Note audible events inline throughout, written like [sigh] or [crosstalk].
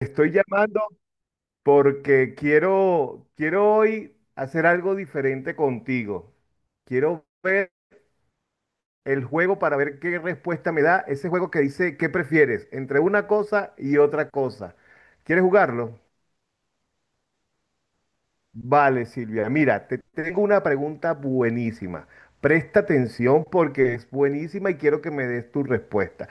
Estoy llamando porque quiero hoy hacer algo diferente contigo. Quiero ver el juego para ver qué respuesta me da ese juego que dice qué prefieres entre una cosa y otra cosa. ¿Quieres jugarlo? Vale, Silvia. Mira, te tengo una pregunta buenísima. Presta atención porque es buenísima y quiero que me des tu respuesta.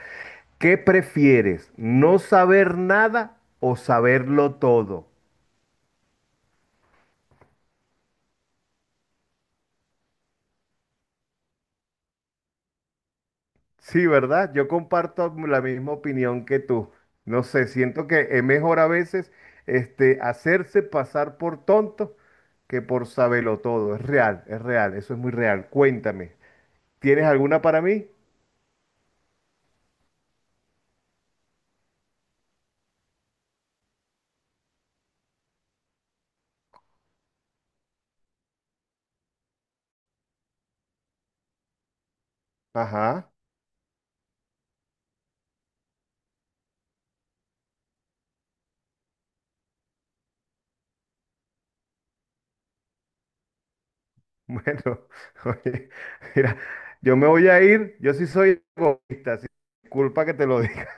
¿Qué prefieres? ¿No saber nada o saberlo todo? Sí, ¿verdad? Yo comparto la misma opinión que tú. No sé, siento que es mejor a veces hacerse pasar por tonto que por saberlo todo. Es real, eso es muy real. Cuéntame, ¿tienes alguna para mí? Ajá, bueno, [laughs] oye, mira, yo me voy a ir, yo sí soy egoísta, sí, culpa que te lo [laughs] diga,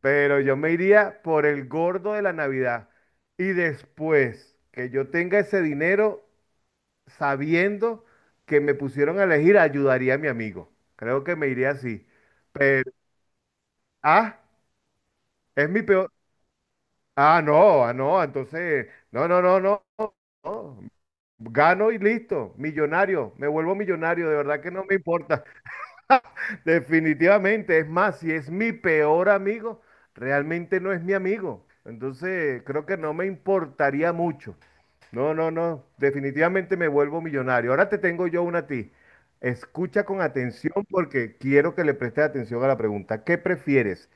pero yo me iría por el gordo de la Navidad. Y después que yo tenga ese dinero, sabiendo que me pusieron a elegir, ayudaría a mi amigo. Creo que me iría así. Pero, ah, es mi peor. Ah, no, ah, no, entonces, no, no, no, no, no. Gano y listo, millonario, me vuelvo millonario, de verdad que no me importa. [laughs] Definitivamente, es más, si es mi peor amigo, realmente no es mi amigo. Entonces, creo que no me importaría mucho. No, no, no. Definitivamente me vuelvo millonario. Ahora te tengo yo una a ti. Escucha con atención porque quiero que le prestes atención a la pregunta. ¿Qué prefieres?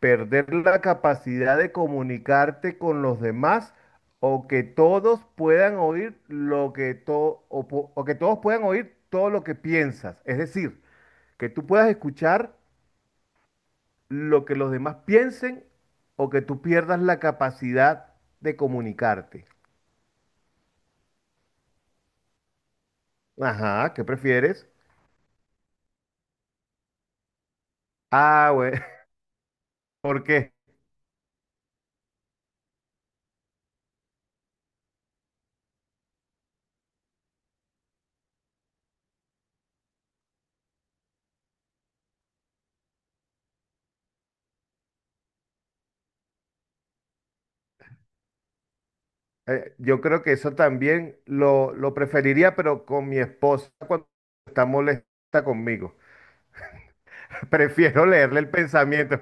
¿Perder la capacidad de comunicarte con los demás o que todos puedan oír lo que to- o po- o que todos puedan oír todo lo que piensas? Es decir, que tú puedas escuchar lo que los demás piensen o que tú pierdas la capacidad de comunicarte. Ajá, ¿qué prefieres? Ah, güey, [laughs] ¿por qué? Yo creo que eso también lo preferiría, pero con mi esposa cuando está molesta conmigo. [laughs] Prefiero leerle el pensamiento.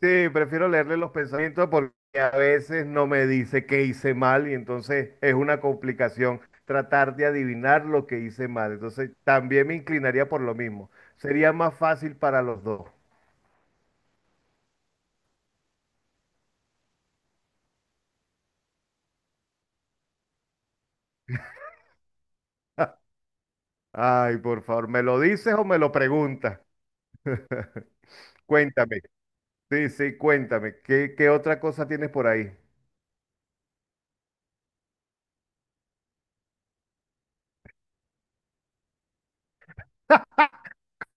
Sí, prefiero leerle los pensamientos porque a veces no me dice qué hice mal y entonces es una complicación tratar de adivinar lo que hice mal. Entonces también me inclinaría por lo mismo. Sería más fácil para los dos. [laughs] Ay, por favor, ¿me lo dices o me lo preguntas? [laughs] Cuéntame. Sí, sí, cuéntame, ¿qué otra cosa tienes por ahí?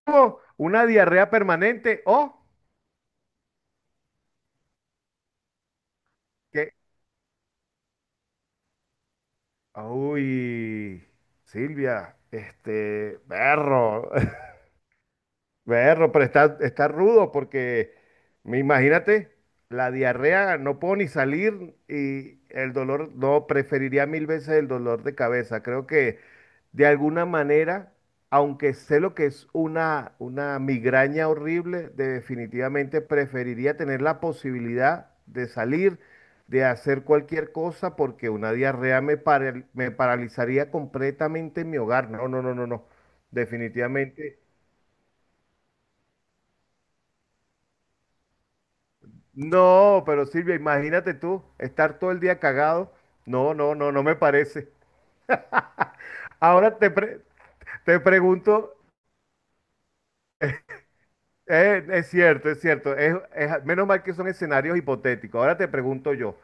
¿Cómo? ¿Una diarrea permanente o qué? Uy, Silvia, perro. [laughs] Berro, pero está rudo porque, me imagínate, la diarrea, no puedo ni salir y el dolor, no, preferiría mil veces el dolor de cabeza. Creo que de alguna manera, aunque sé lo que es una migraña horrible, definitivamente preferiría tener la posibilidad de salir, de hacer cualquier cosa, porque una diarrea me paralizaría completamente en mi hogar. No, no, no, no, no. Definitivamente. No, pero Silvia, imagínate tú estar todo el día cagado. No, no, no, no me parece. Ahora te pregunto, es cierto, menos mal que son escenarios hipotéticos. Ahora te pregunto yo,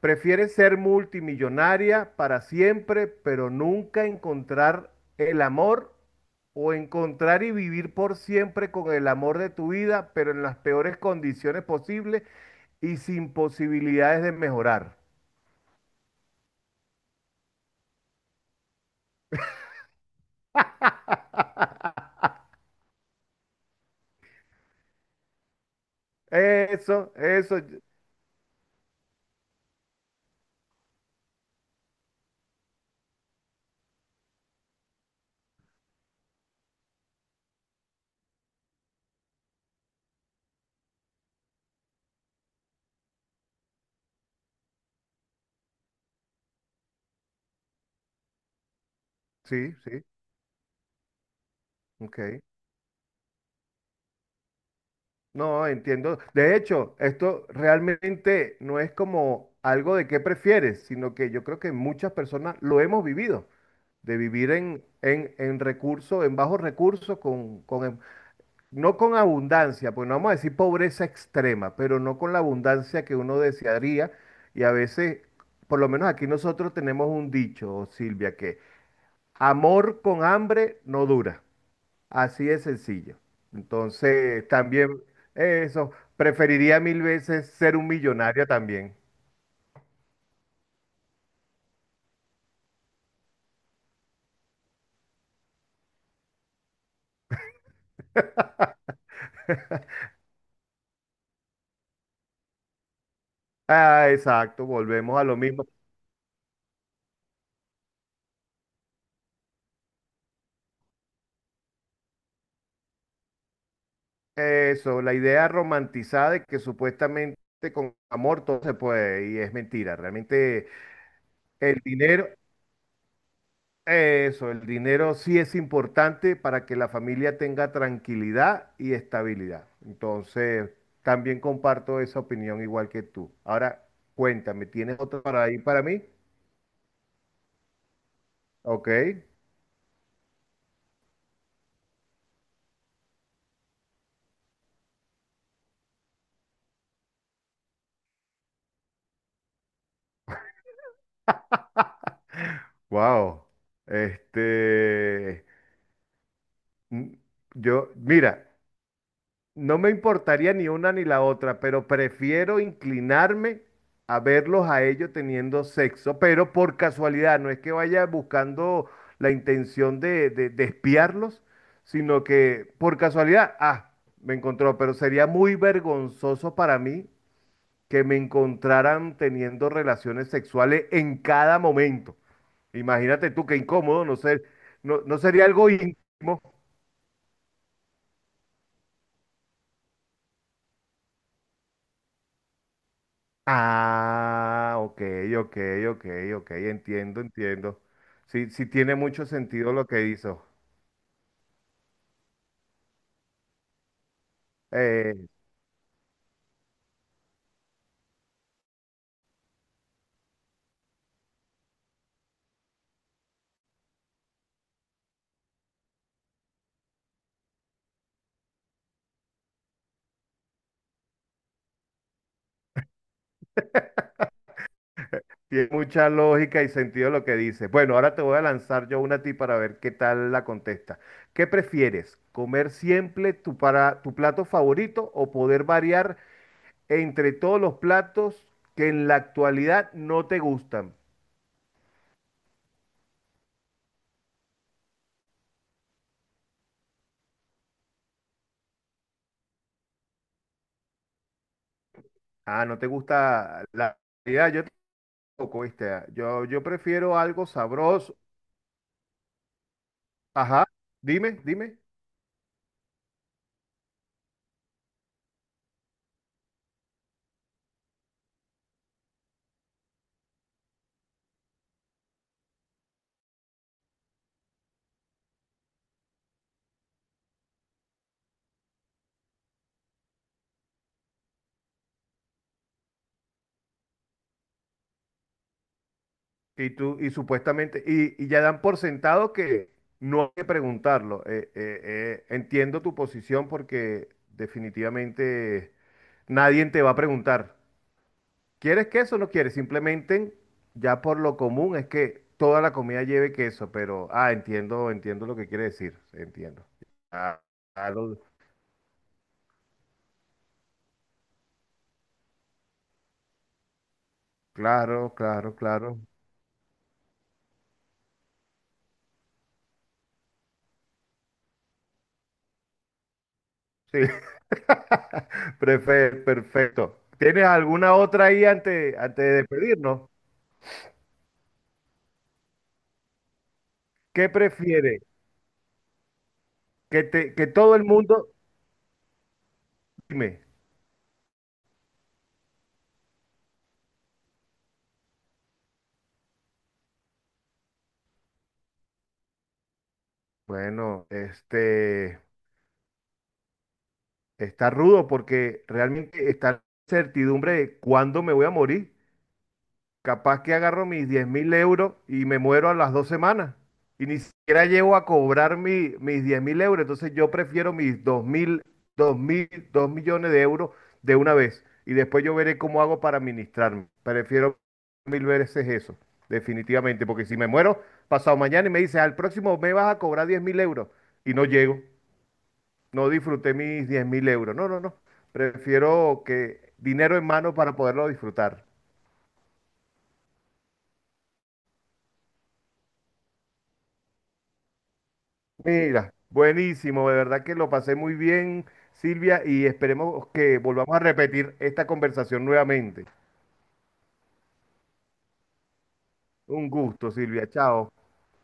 ¿prefieres ser multimillonaria para siempre, pero nunca encontrar el amor? ¿O encontrar y vivir por siempre con el amor de tu vida, pero en las peores condiciones posibles y sin posibilidades de mejorar? Eso, sí, sí, ok. No, entiendo. De hecho, esto realmente no es como algo de qué prefieres, sino que yo creo que muchas personas lo hemos vivido, de vivir en, recursos, en bajos recursos, no con abundancia, pues no vamos a decir pobreza extrema, pero no con la abundancia que uno desearía. Y a veces, por lo menos aquí nosotros tenemos un dicho, Silvia, que amor con hambre no dura. Así de sencillo. Entonces, también eso, preferiría mil veces ser un millonario también. Ah, exacto, volvemos a lo mismo. Eso, la idea romantizada de que supuestamente con amor todo se puede, y es mentira. Realmente el dinero, eso, el dinero sí es importante para que la familia tenga tranquilidad y estabilidad. Entonces, también comparto esa opinión igual que tú. Ahora, cuéntame, ¿tienes otra para ahí para mí? Ok, wow. Este, mm, mira, no me importaría ni una ni la otra, pero prefiero inclinarme a verlos a ellos teniendo sexo, pero por casualidad, no es que vaya buscando la intención de espiarlos, sino que por casualidad, me encontró, pero sería muy vergonzoso para mí que me encontraran teniendo relaciones sexuales en cada momento. Imagínate tú qué incómodo, no, no sería algo íntimo. Ah, ok, ok, ok, ok, entiendo, entiendo. Sí, sí tiene mucho sentido lo que hizo. Eh, tiene mucha lógica y sentido lo que dice. Bueno, ahora te voy a lanzar yo una a ti para ver qué tal la contesta. ¿Qué prefieres? ¿Comer siempre tu plato favorito o poder variar entre todos los platos que en la actualidad no te gustan? Ah, no te gusta la... Ya, poco, ¿viste? Yo prefiero algo sabroso. Ajá, dime, dime. Y tú, y supuestamente, y ya dan por sentado que no hay que preguntarlo. Entiendo tu posición porque definitivamente nadie te va a preguntar, ¿quieres queso o no quieres? Simplemente, ya por lo común es que toda la comida lleve queso, pero, entiendo, entiendo lo que quiere decir, entiendo. Ah, claro, claro, claro, claro. Sí. Perfecto. ¿Tienes alguna otra ahí antes de despedirnos? ¿Qué prefieres? Que te, que todo el mundo, dime, bueno, está rudo porque realmente está la certidumbre de cuándo me voy a morir. Capaz que agarro mis 10.000 euros y me muero a las 2 semanas. Y ni siquiera llego a cobrar mis 10.000 euros. Entonces yo prefiero mis 2 millones de euros de una vez. Y después yo veré cómo hago para administrarme. Prefiero mil veces eso, definitivamente. Porque si me muero pasado mañana y me dices, al próximo me vas a cobrar 10.000 euros. Y no llego. No disfruté mis 10.000 euros. No, no, no. Prefiero que dinero en mano para poderlo disfrutar. Mira, buenísimo, de verdad que lo pasé muy bien, Silvia, y esperemos que volvamos a repetir esta conversación nuevamente. Un gusto, Silvia, chao.